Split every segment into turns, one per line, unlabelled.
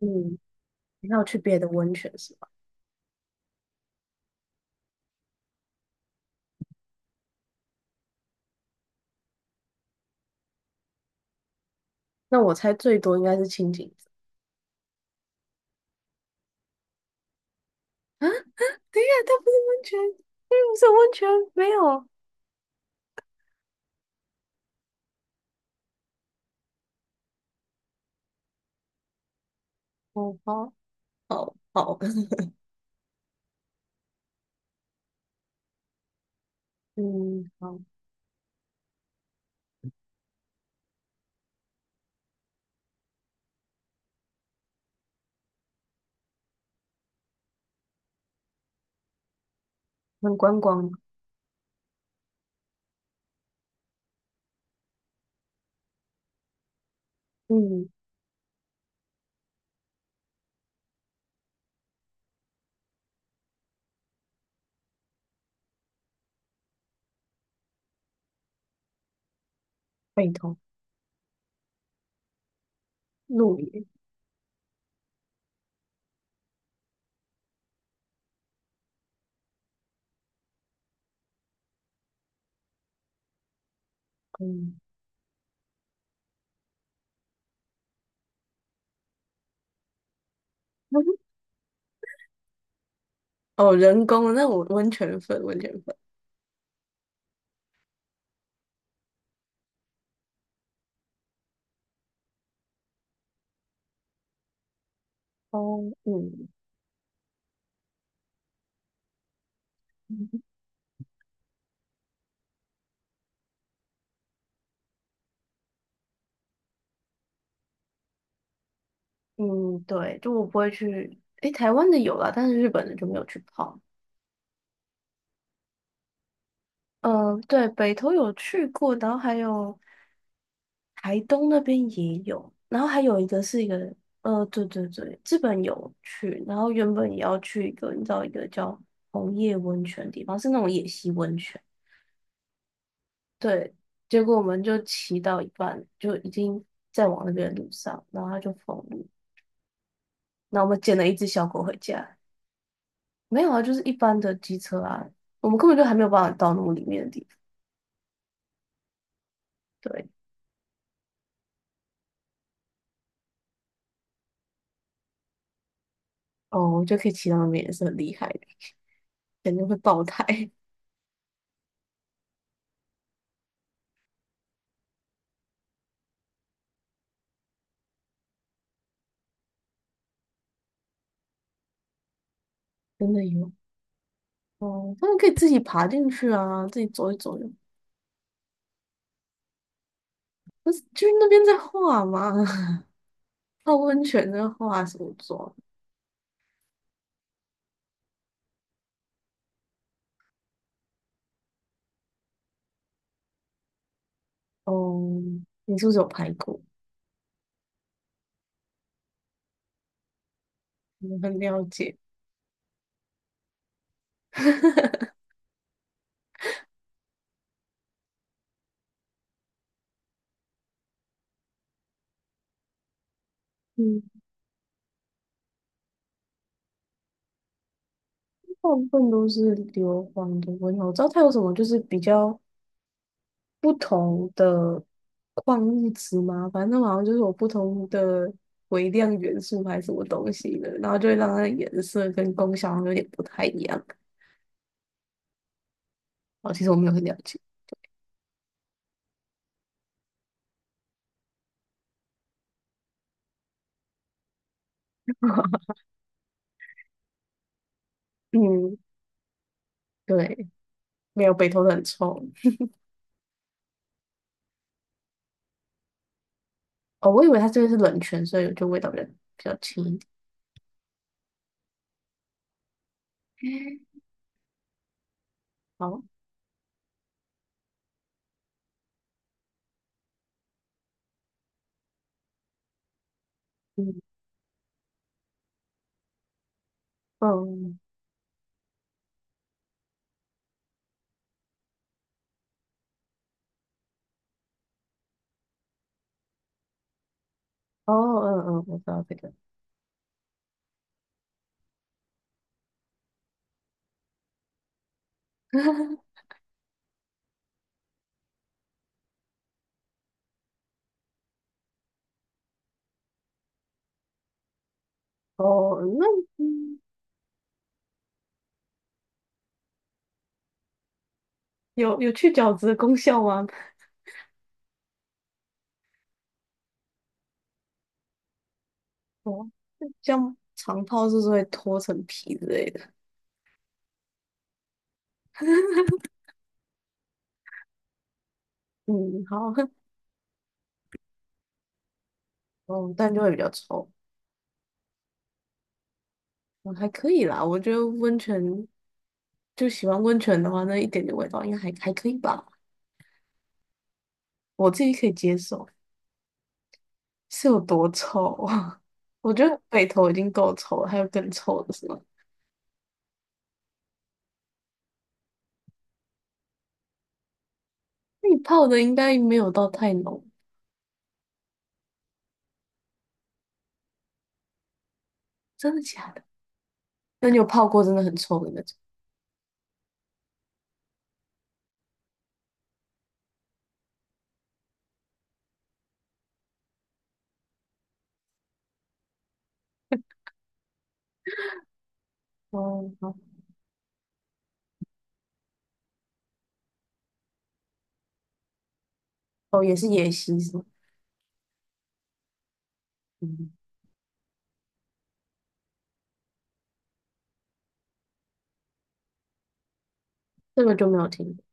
嗯，你还有去别的温泉是吧？那我猜最多应该是清景泽。啊啊，等一下，它不是温泉，没有。哦，好，好，好，嗯，好，很观光。嗯，北投。鹿野，嗯，哦，人工的，那我温泉粉，温泉粉，哦，嗯，嗯，对，就我不会去，诶，台湾的有啦，但是日本的就没有去泡。嗯，对，北投有去过，然后还有台东那边也有，然后还有一个是一个，对对对，日本有去，然后原本也要去一个，你知道一个叫红叶温泉的地方，是那种野溪温泉，对，结果我们就骑到一半，就已经在往那边的路上，然后他就封路，然后我们捡了一只小狗回家，没有啊，就是一般的机车啊，我们根本就还没有办法到那么里面的地方，对，哦，我觉得可以骑到那边也是很厉害的。肯定会爆胎，真的有。哦，他们可以自己爬进去啊，自己走一走就，但是就是那边在画嘛，泡温泉在画什么妆？哦，你是不是有拍过？我很了解。嗯，大部分都是硫磺的味道。我知道它有什么就是比较不同的矿物质嘛，反正好像就是有不同的微量元素还是什么东西的，然后就会让它的颜色跟功效好像有点不太一样。哦，其实我没有很了解。嗯，对，没有，北投的很臭。哦，我以为它这个是冷泉，所以就味道比较比较轻一点。好，嗯嗯，哦，嗯嗯，我知道这个。哦，那嗯，有有去角质的功效吗？哦，像长泡是不是会脱层皮之类的？嗯，好，哦，但就会比较臭。哦，还可以啦，我觉得温泉就喜欢温泉的话，那一点点味道应该还还可以吧，我自己可以接受。是有多臭啊？我觉得北投已经够臭了，还有更臭的是吗？那你泡的应该没有到太浓，真的假的？那你有泡过真的很臭的那种？哦，好。哦，也是野溪是吗？嗯，这个就没有听过。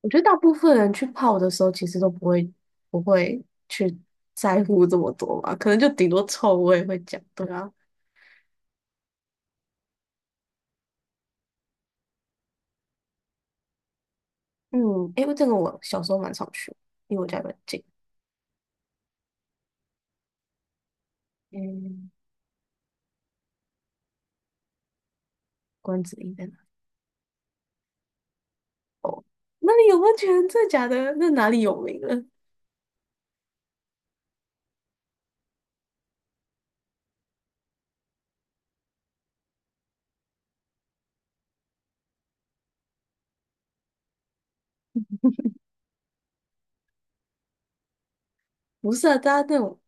我觉得大部分人去泡的时候，其实都不会不会去在乎这么多吧，可能就顶多臭味会讲。对啊，嗯，诶，这个我小时候蛮常去，因为我家比较近。嗯，关子岭在哪？那里有温泉？真得这假的？那哪里有名了？不是啊，大家那种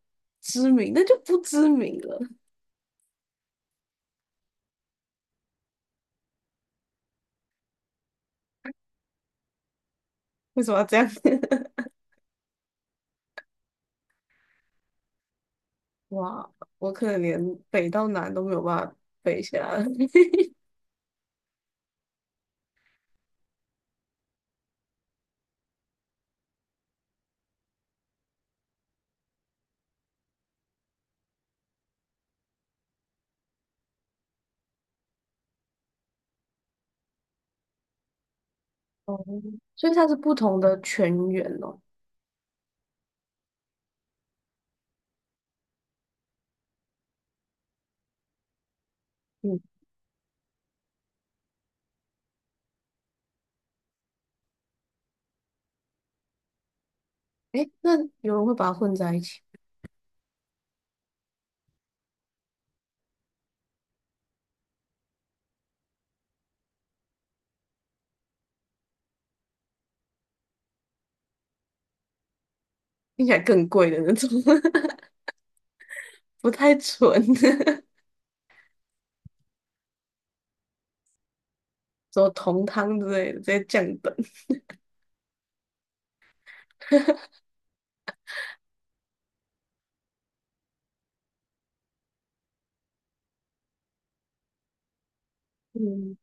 知名，那就不知名了。为什么要这样？哇，我可能连北到南都没有办法背下来。哦，所以它是不同的泉源哦。嗯，诶，那有人会把它混在一起，听起来更贵的那种，不太纯，什么同汤之类的，直接降等。嗯，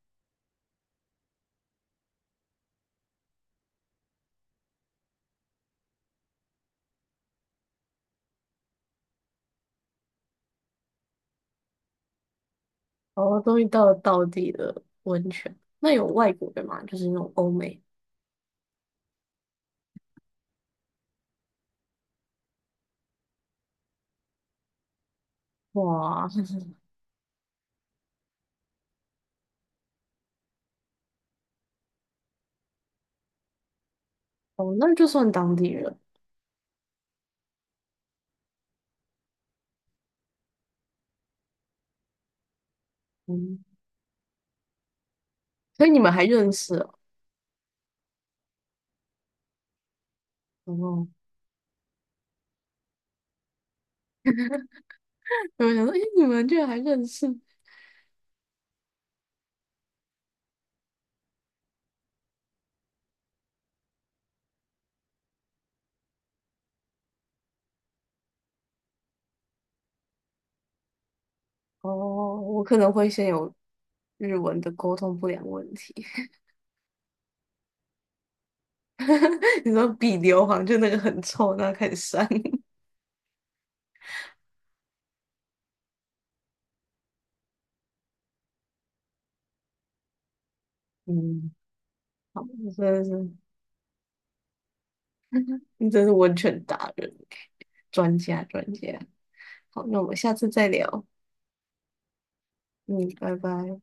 哦，终于到了道地的温泉。那有外国的吗？就是那种欧美。哇，哦，那就算当地人。嗯。所以你们还认识哦？哦，我想说，诶，你们居然还认识？哦，我可能会先有日文的沟通不良问题。你说比硫磺就那个很臭，那开始删。嗯，好，你真的是，你真是温泉达人，专家专家。好，那我们下次再聊。嗯，拜拜。